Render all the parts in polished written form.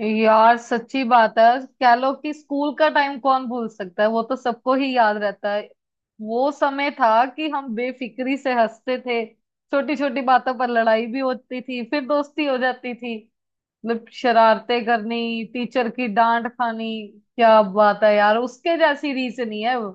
यार सच्ची बात है। कह लो कि स्कूल का टाइम कौन भूल सकता है, वो तो सबको ही याद रहता है। वो समय था कि हम बेफिक्री से हंसते थे, छोटी छोटी बातों पर लड़ाई भी होती थी, फिर दोस्ती हो जाती थी। मतलब शरारतें करनी, टीचर की डांट खानी, क्या बात है यार, उसके जैसी रीस नहीं है वो।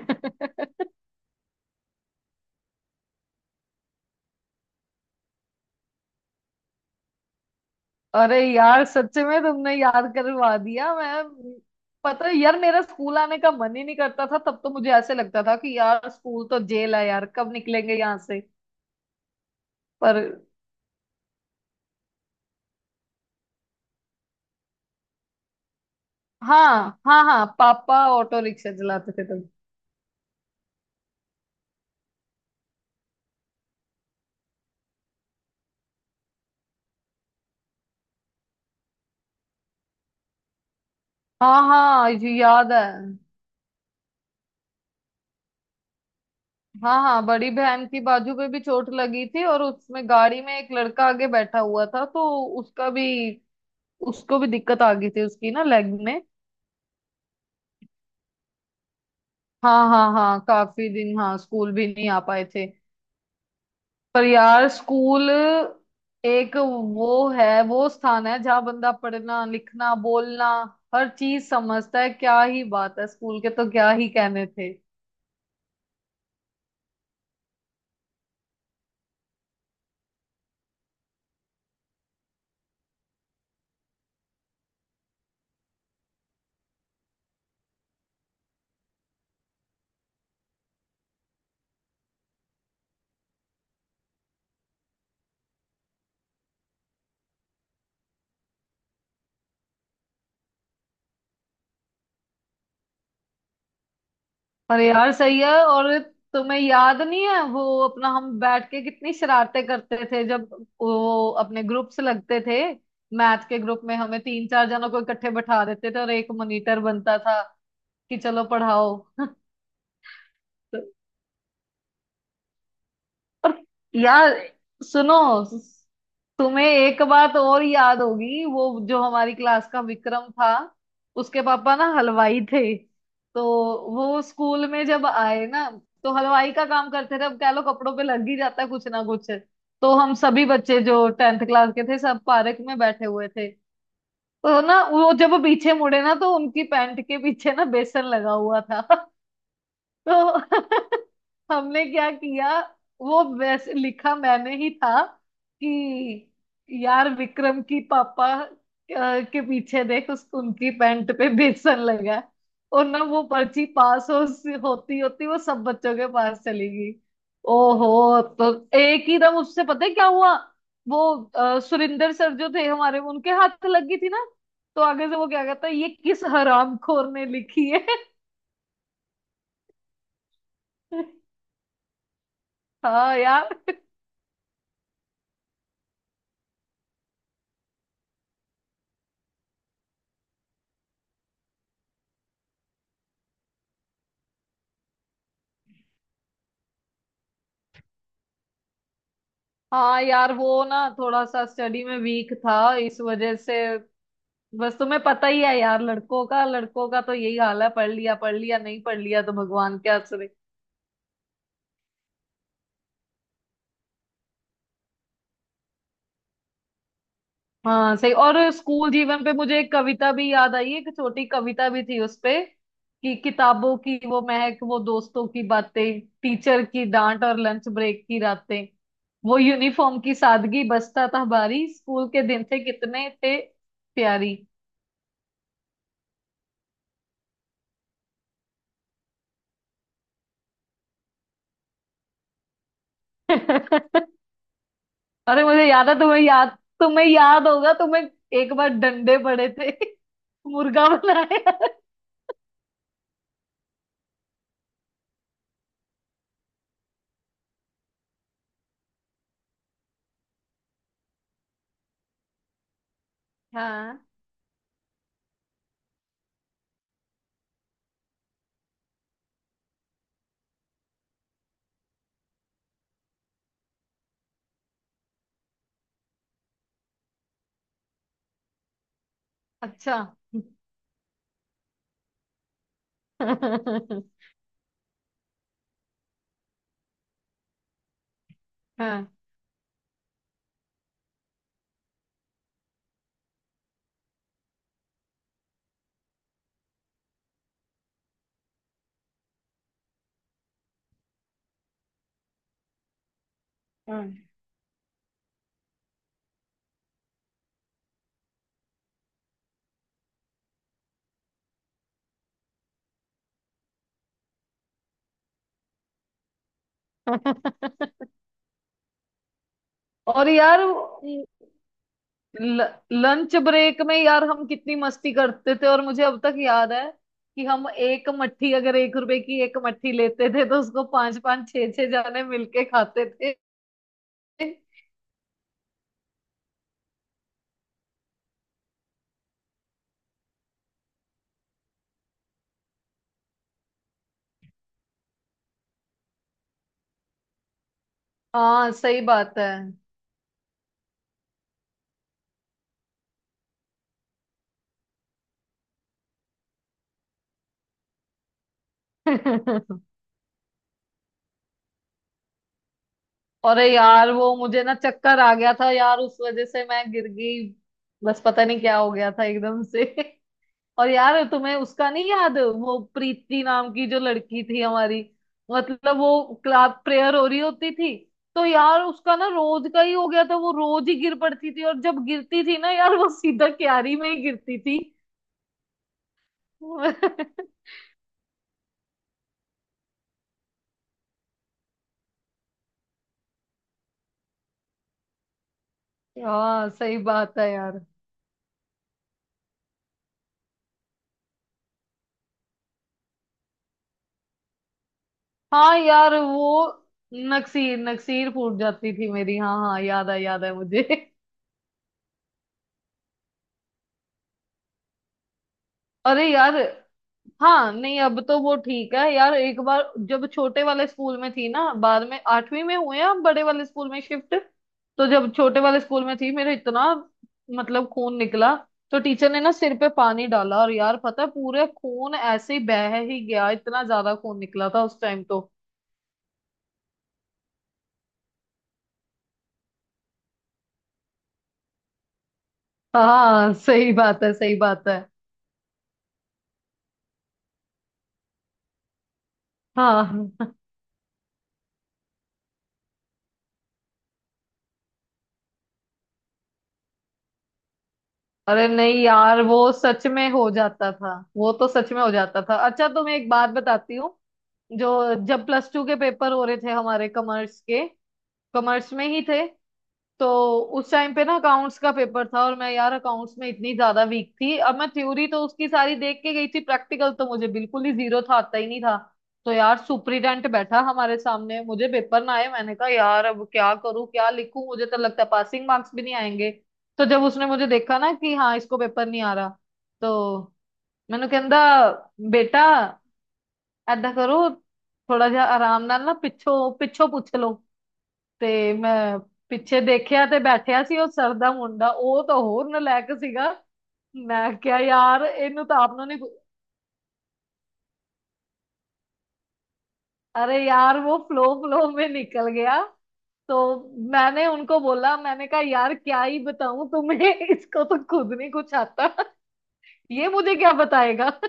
अरे यार, सच में तुमने याद करवा दिया। मैं, पता है यार, मेरा स्कूल आने का मन ही नहीं करता था तब। तो मुझे ऐसे लगता था कि यार स्कूल तो जेल है यार, कब निकलेंगे यहाँ से। पर हाँ, हाँ हाँ, पापा ऑटो रिक्शा चलाते थे तब। हाँ हाँ, ये याद है। हाँ हाँ, बड़ी बहन की बाजू पे भी चोट लगी थी, और उसमें गाड़ी में एक लड़का आगे बैठा हुआ था तो उसका भी उसको भी दिक्कत आ गई थी, उसकी ना लेग में। हाँ हाँ हाँ, काफी दिन हाँ स्कूल भी नहीं आ पाए थे। पर यार, स्कूल एक वो है, वो स्थान है जहाँ बंदा पढ़ना, लिखना, बोलना, हर चीज समझता है। क्या ही बात है, स्कूल के तो क्या ही कहने थे। पर यार सही है। और तुम्हें याद नहीं है वो, अपना हम बैठ के कितनी शरारतें करते थे, जब वो अपने ग्रुप्स लगते थे। मैथ के ग्रुप में हमें तीन चार जनों को इकट्ठे बैठा देते थे और एक मॉनिटर बनता था कि चलो पढ़ाओ। और यार सुनो, तुम्हें एक बात और याद होगी, वो जो हमारी क्लास का विक्रम था, उसके पापा ना हलवाई थे। तो वो स्कूल में जब आए ना, तो हलवाई का काम करते थे, अब कह लो कपड़ों पे लग ही जाता है कुछ ना कुछ। तो हम सभी बच्चे जो टेंथ क्लास के थे, सब पार्क में बैठे हुए थे। तो ना वो जब पीछे मुड़े ना तो उनकी पैंट के पीछे ना बेसन लगा हुआ था। तो हमने क्या किया, वो वैसे लिखा मैंने ही था कि यार विक्रम की पापा के पीछे देख, उस उनकी पैंट पे बेसन लगा है। और ना वो पर्ची पास हो होती होती वो सब बच्चों के पास चली गई। ओहो, तो एक ही दम उससे पता है क्या हुआ, वो सुरिंदर सर जो थे हमारे, उनके हाथ लग गई थी ना। तो आगे से वो क्या कहता है, ये किस हरामखोर ने लिखी है। हाँ यार। हाँ यार, वो ना थोड़ा सा स्टडी में वीक था, इस वजह से। बस तुम्हें पता ही है यार, लड़कों का तो यही हाल है, पढ़ लिया पढ़ लिया, नहीं पढ़ लिया तो भगवान के आसरे। हाँ सही। और स्कूल जीवन पे मुझे एक कविता भी याद आई, एक छोटी कविता भी थी उस पे। कि किताबों की वो महक, वो दोस्तों की बातें, टीचर की डांट और लंच ब्रेक की रातें, वो यूनिफॉर्म की सादगी, बस्ता था भारी, स्कूल के दिन थे कितने थे प्यारी। अरे मुझे याद है, तुम्हें याद, तुम्हें याद होगा, तुम्हें एक बार डंडे पड़े थे। मुर्गा बनाया। हाँ। अच्छा। हाँ हाँ। और यार लंच ब्रेक में यार हम कितनी मस्ती करते थे, और मुझे अब तक याद है कि हम एक मट्ठी, अगर एक रुपए की एक मट्ठी लेते थे, तो उसको पांच पांच छह छह जाने मिलके खाते थे। हाँ सही बात है। अरे यार वो मुझे ना चक्कर आ गया था यार, उस वजह से मैं गिर गई। बस पता नहीं क्या हो गया था एकदम से। और यार तुम्हें उसका नहीं याद, वो प्रीति नाम की जो लड़की थी हमारी, मतलब वो क्लास प्रेयर हो रही होती थी, तो यार उसका ना रोज का ही हो गया था, वो रोज ही गिर पड़ती थी और जब गिरती थी ना यार, वो सीधा क्यारी में ही गिरती थी। हाँ सही बात है यार। हाँ यार वो नक्सीर, नक्सीर फूट जाती थी मेरी। हाँ हाँ याद है, याद है मुझे। अरे यार। हाँ नहीं, अब तो वो ठीक है यार। एक बार जब छोटे वाले स्कूल में थी ना, बाद में आठवीं में हुए हम बड़े वाले स्कूल में शिफ्ट, तो जब छोटे वाले स्कूल में थी, मेरे इतना मतलब खून निकला, तो टीचर ने ना सिर पे पानी डाला, और यार पता है पूरे खून ऐसे ही बह ही गया, इतना ज्यादा खून निकला था उस टाइम तो। हाँ सही बात है, सही बात है। हाँ। अरे नहीं यार, वो सच में हो जाता था, वो तो सच में हो जाता था। अच्छा तो मैं एक बात बताती हूँ, जो जब प्लस टू के पेपर हो रहे थे हमारे, कॉमर्स के, कॉमर्स में ही थे तो। उस टाइम पे ना अकाउंट्स का पेपर था, और मैं यार अकाउंट्स में इतनी ज्यादा वीक थी। अब मैं थ्योरी तो उसकी सारी देख के गई थी, प्रैक्टिकल तो मुझे बिल्कुल ही जीरो था, आता ही नहीं था। तो यार सुपरिटेंडेंट बैठा हमारे सामने, मुझे पेपर ना आए, मैंने कहा यार अब क्या करूं, क्या लिखूं, मुझे तो लगता है पासिंग मार्क्स भी नहीं आएंगे। तो जब उसने मुझे देखा ना कि हाँ इसको पेपर नहीं आ रहा, तो मैंने कहंदा, बेटा ऐदा करो, थोड़ा जा आराम नाल ना पिछो पिछो पूछ लो। ਤੇ ਮੈਂ ਪਿੱਛੇ ਦੇਖਿਆ ਤੇ ਬੈਠਿਆ ਸੀ ਉਹ ਸਰ ਦਾ ਮੁੰਡਾ, ਉਹ ਤਾਂ ਹੋਰ ਨਾਲਾਇਕ ਸੀਗਾ। ਮੈਂ ਕਿਹਾ ਯਾਰ ਇਹਨੂੰ ਤਾਂ ਆਪ ਨੂੰ नहीं पू- अरे यार वो फ्लो फ्लो में निकल गया। तो मैंने उनको बोला, मैंने कहा यार क्या ही बताऊं तुम्हें, इसको तो खुद नहीं कुछ आता, ये मुझे क्या बताएगा।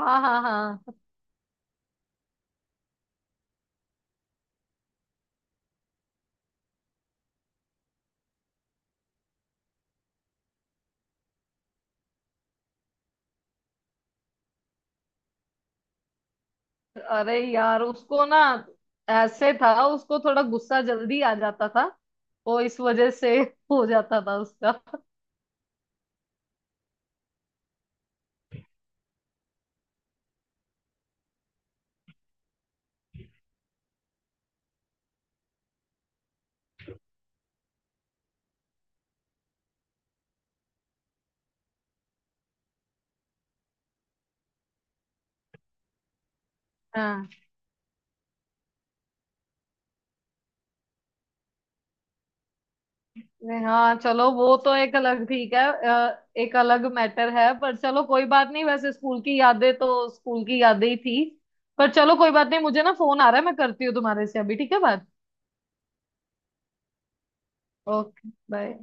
हाँ हाँ हाँ। अरे यार उसको ना ऐसे था, उसको थोड़ा गुस्सा जल्दी आ जाता था, वो इस वजह से हो जाता था उसका। हाँ। नहीं, हाँ चलो वो तो एक अलग ठीक है, एक अलग मैटर है। पर चलो कोई बात नहीं, वैसे स्कूल की यादें तो स्कूल की यादें ही थी। पर चलो कोई बात नहीं, मुझे ना फोन आ रहा है, मैं करती हूँ तुम्हारे से अभी, ठीक है बात। Okay bye.